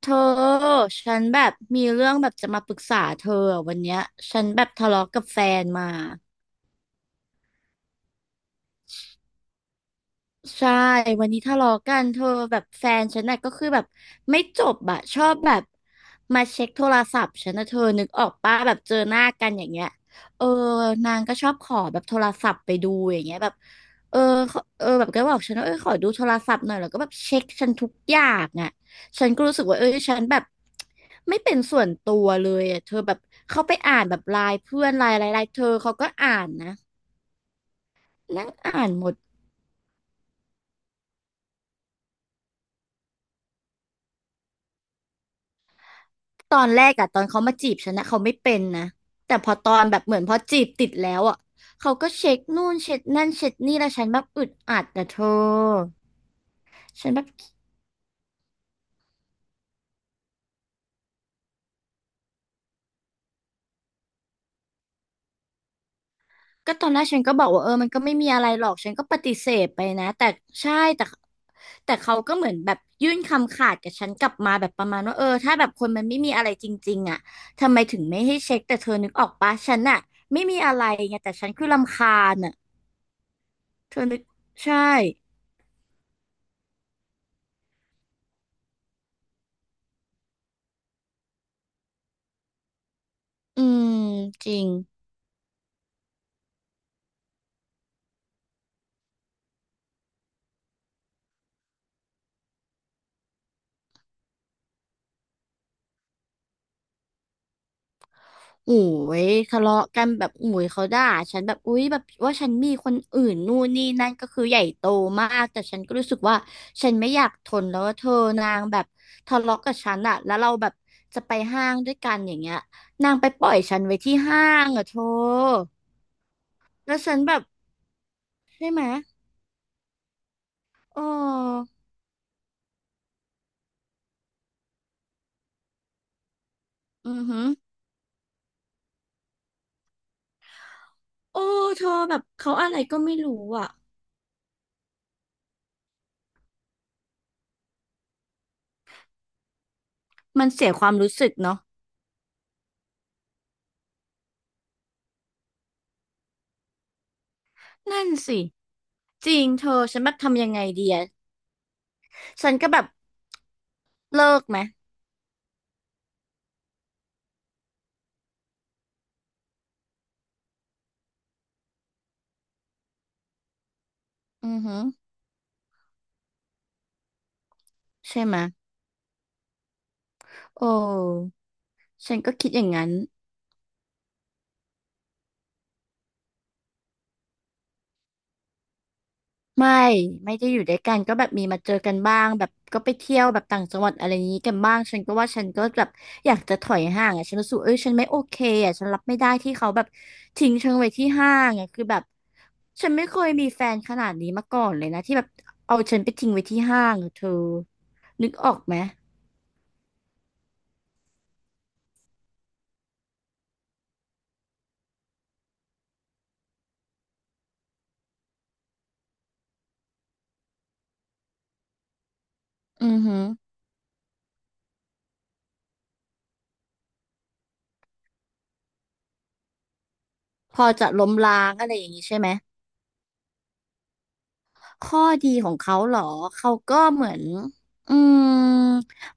เธอฉันแบบมีเรื่องแบบจะมาปรึกษาเธออะวันเนี้ยฉันแบบทะเลาะกับแฟนมา ใช่วันนี้ทะเลาะกันเธอแบบแฟนฉันน่ะก็คือแบบไม่จบอะชอบแบบมาเช็คโทรศัพท์ฉันนะเธอนึกออกป้าแบบเจอหน้ากันอย่างเงี้ยเออนางก็ชอบขอแบบโทรศัพท์ไปดูอย่างเงี้ยแบบเออขอเออแบบก็บอกฉันว่าเออขอดูโทรศัพท์หน่อยแล้วก็แบบเช็คฉันทุกอย่างอะฉันก็รู้สึกว่าเออฉันแบบไม่เป็นส่วนตัวเลยอะเธอแบบเข้าไปอ่านแบบไลน์เพื่อนไลน์อะไรไลน์เธอเขาก็อ่านนะนั่งอ่านหมด ตอนแรกอะตอนเขามาจีบฉันนะเขาไม่เป็นนะแต่พอตอนแบบเหมือนพอจีบติดแล้วอะเขาก็เช็คนู่นเช็คนั่นเช็คนี่แล้วฉันแบบอึดอัดนะเธอฉันแบบก็ตอนแรกฉันก็บอกว่าเออมันก็ไม่มีอะไรหรอกฉันก็ปฏิเสธไปนะแต่ใช่แต่เขาก็เหมือนแบบยื่นคำขาดกับฉันกลับมาแบบประมาณว่าเออถ้าแบบคนมันไม่มีอะไรจริงๆอะทำไมถึงไม่ให้เช็คแต่เธอนึกออกปะฉันอะไม่มีอะไรไงแต่ฉันคือรำคาญอะเธอนึกใช่อืมจริง โอ้ยทะเลาะกันแบบโอ้ยเขาด่าฉันแบบอุ้ยแบบว่าฉันมีคนอื่นนู่นนี่นั่นก็คือใหญ่โตมากแต่ฉันก็รู้สึกว่าฉันไม่อยากทนแล้วว่าเธอนางแบบทะเลาะกับฉันอะแล้วเราแบบจะไปห้างด้วยกันอย่างเงี้ยนางไปปล่อยฉันไว้ที่ห้างอะเธอแล้วฉันแบบได้ไหมโอ้ออือหือโอ้เธอแบบเขาอะไรก็ไม่รู้อะมันเสียความรู้สึกเนาะนั่นสิจริงเธอฉันแบบทำยังไงดีอะฉันก็แบบเลิกไหม อือฮึใช่ไหมโอ้ฉันก็คิดอย่างนั้น ไม่ไม่ได้อยู่ด้วยกันก็แบบมีมาเจอกันบ้าง แบบก็ไปเที่ยวแบบต่างจังหวัดอะไรอย่างนี้กันบ้างฉันก็ว่าฉันก็แบบอยากจะถอยห่างอ่ะฉันรู้สึกเอ้ยฉันไม่โอเคอ่ะฉันรับไม่ได้ที่เขาแบบทิ้งฉันไว้ที่ห้างอ่ะคือแบบฉันไม่เคยมีแฟนขนาดนี้มาก่อนเลยนะที่แบบเอาฉันไปทิ้งไว้ที่ห้างอะเธอนึกออกไหมอือฮึพอจะล้มล้างอะไรอย่างนี้ใช่ไหม ข้อดีของเขาเหรอ เขาก็เหมือนอืม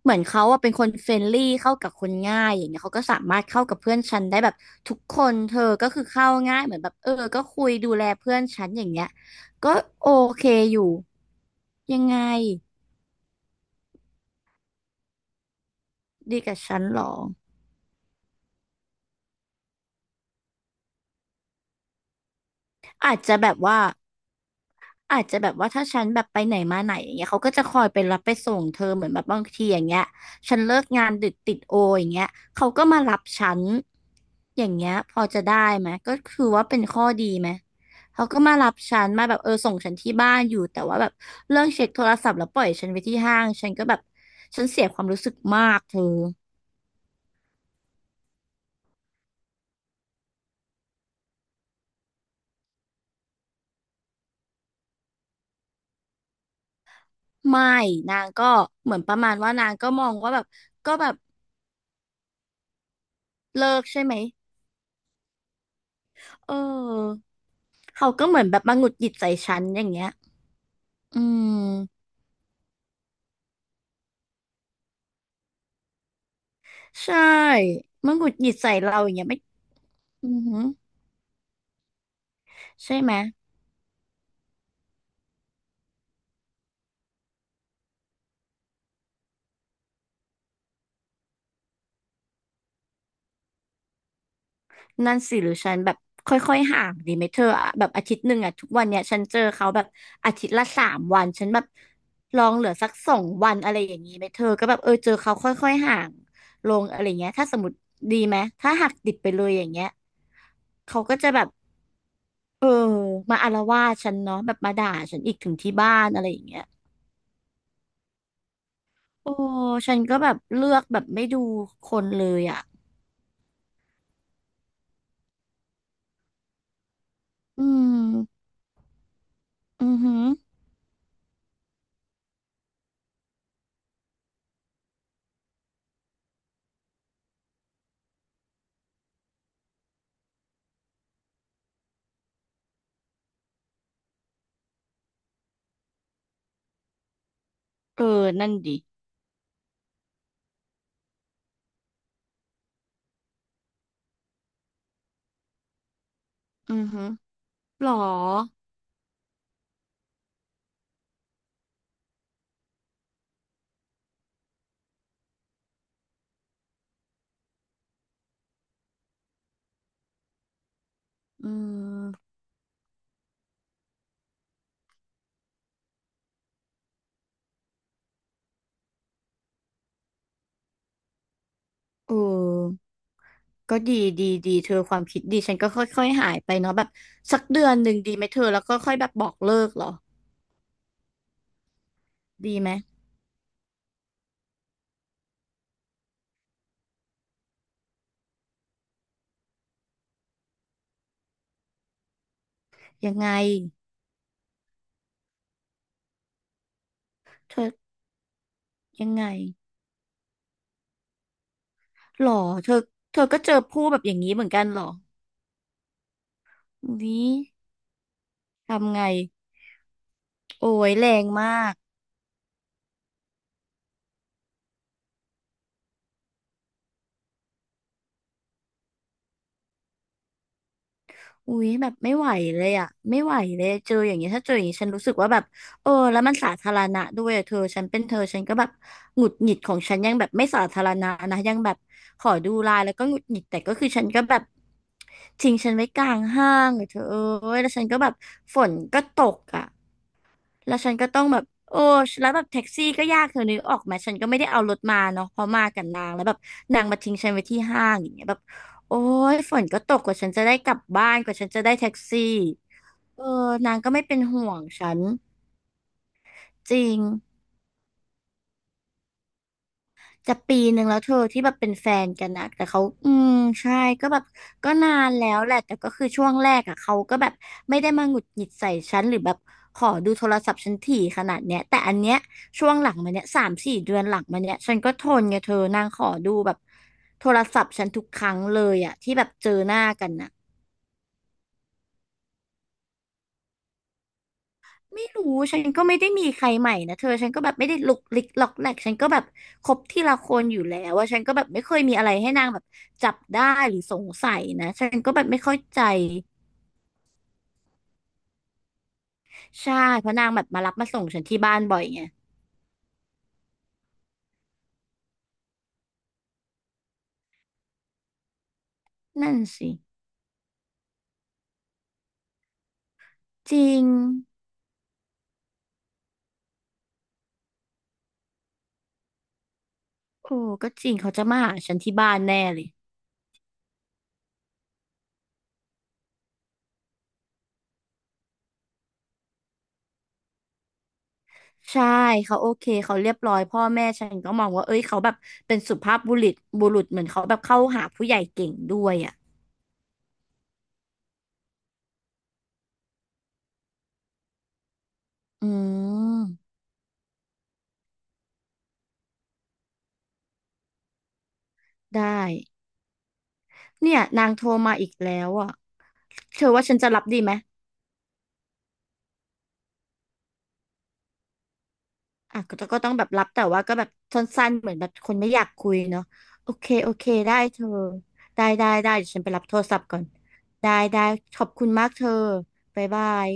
เหมือนเขาอะเป็นคนเฟรนลี่เข้ากับคนง่ายอย่างเงี้ยเขาก็สามารถเข้ากับเพื่อนฉันได้แบบทุกคนเธอก็คือเข้าง่ายเหมือนแบบเออก็คุยดูแลเพื่อนฉันอย่างเงี้ยก็โอเคอยู่ยังไงดีกับฉันเหรออาจจะแบบว่า อาจจะแบบว่าถ้าฉันแบบไปไหนมาไหนอย่างเงี้ยเขาก็จะคอยไปรับไปส่งเธอเหมือนแบบบางทีอย่างเงี้ยฉันเลิกงานดึกติดโออย่างเงี้ยเขาก็มารับฉันอย่างเงี้ยพอจะได้ไหมก็คือว่าเป็นข้อดีไหมเขาก็มารับฉันมาแบบเออส่งฉันที่บ้านอยู่แต่ว่าแบบเรื่องเช็คโทรศัพท์แล้วปล่อยฉันไว้ที่ห้างฉันก็แบบฉันเสียความรู้สึกมากเธอไม่นางก็เหมือนประมาณว่านางก็มองว่าแบบก็แบบเลิกใช่ไหมเออเขาก็เหมือนแบบมาหงุดหงิดใส่ฉันอย่างเงี้ย อืมใช่มันหงุดหงิดใส่เราอย่างเงี้ยไม่อือหือใช่ไหมนั่นสิหรือฉันแบบค่อยๆห่างดีไหมเธออะแบบอาทิตย์หนึ่งอะทุกวันเนี่ยฉันเจอเขาแบบอาทิตย์ละ3 วันฉันแบบลองเหลือสัก2 วันอะไรอย่างนี้ไหมเธอก็แบบเออเจอเขาค่อยๆห่างลงอะไรเงี้ยถ้าสมมติดีไหมถ้าหักดิบไปเลยอย่างเงี้ยเขาก็จะแบบเออมาอาละวาดฉันเนาะแบบมาด่าฉันอีกถึงที่บ้านอะไรอย่างเงี้ย โอ้ฉันก็แบบเลือกแบบไม่ดูคนเลยอ่ะอืมอือหือเออนั่นดิอือหือหรออืมเออก็ดีดีดีเธอความคิดดีฉันก็ค่อยๆหายไปเนาะแบบสักเดือนหนึ่งดีไหมเธอแล้วก็ค่อยแบบบอกเลิกเหรอดีไหมยังไงเธอยังไงหรอเธอเธอก็เจอผู้แบบอย่างนี้เหมือนกันเหรอวิทำไงโอ้ยแรงมาก อุ๊ยแบบไม่ไหวเลยอ่ะไม่ไหวเลยเจออย่างเงี้ยถ้าเจออย่างงี้ฉันรู้สึกว่าแบบเออแล้วมันสาธารณะด้วยอะเธอฉันเป็นเธอฉันก็แบบหงุดหงิดของฉันยังแบบไม่สาธารณะนะยังแบบขอดูไลน์แล้วก็หงุดหงิดแต่คือฉันก็แบบทิ้งฉันไว้กลางห้างอะเธอเอ้ยแล้วฉันก็แบบฝนก็ตกอ่ะ แล้วฉันก็ต้องแบบโอ้แล้วแบบแท็กซี่ก็ยากเธอนึกออกไหมฉันก็ไม่ได้เอารถมาเนาะเพราะมากับนางแล้วแบบนางมาทิ้งฉันไว้ที่ห้างอย่างเงี้ยแบบโอ้ยฝนก็ตกกว่าฉันจะได้กลับบ้านกว่าฉันจะได้แท็กซี่เออนางก็ไม่เป็นห่วงฉันจริง จะปีหนึ่งแล้วเธอที่แบบเป็นแฟนกันนะแต่เขาอืมใช่ก็แบบก็นานแล้วแหละแต่คือช่วงแรกอ่ะเขาก็แบบไม่ได้มาหงุดหงิดใส่ฉันหรือแบบขอดูโทรศัพท์ฉันถี่ขนาดเนี้ยแต่อันเนี้ยช่วงหลังมาเนี้ยสามสี่เดือนหลังมาเนี้ยฉันก็ทนไงเธอนางขอดูแบบโทรศัพท์ฉันทุกครั้งเลยอ่ะที่แบบเจอหน้ากันน่ะ ไม่รู้ฉันก็ไม่ได้มีใครใหม่นะเธอฉันก็แบบไม่ได้ลุกลิกล็อกแหลกฉันก็แบบคบทีละคนอยู่แล้วว่าฉันก็แบบไม่เคยมีอะไรให้นางแบบจับได้หรือสงสัยนะ ฉันก็แบบไม่เข้าใจใช่เพราะนางแบบมารับมาส่งฉันที่บ้านบ่อยไงนั่นสิจริงโอ้ก็จริงเขาจะมาหาฉันที่บ้านแน่เลย ใช่เขาโอเคเขาเรียบร้อยพ่อแม่ฉันก็มองว่าเอ้ยเขาแบบเป็นสุภาพบุรุษเหมือนเขาแบบเข้าหาผู้ใหญ่เก่งด้วยอ่ะอืมได้ เนี่ยนางโทรมาอีกแล้วอ่ะเธอว่าฉันจะรับดีไหมอ่ะก็ต้องแบบรับแต่ว่าก็แบบสั้นๆเหมือนแบบคนไม่อยากคุยเนาะโอเคโอเคได้เธอได้เดี๋ยวฉันไปรับโทรศัพท์ก่อนได้ได้ขอบคุณมากเธอบ๊ายบาย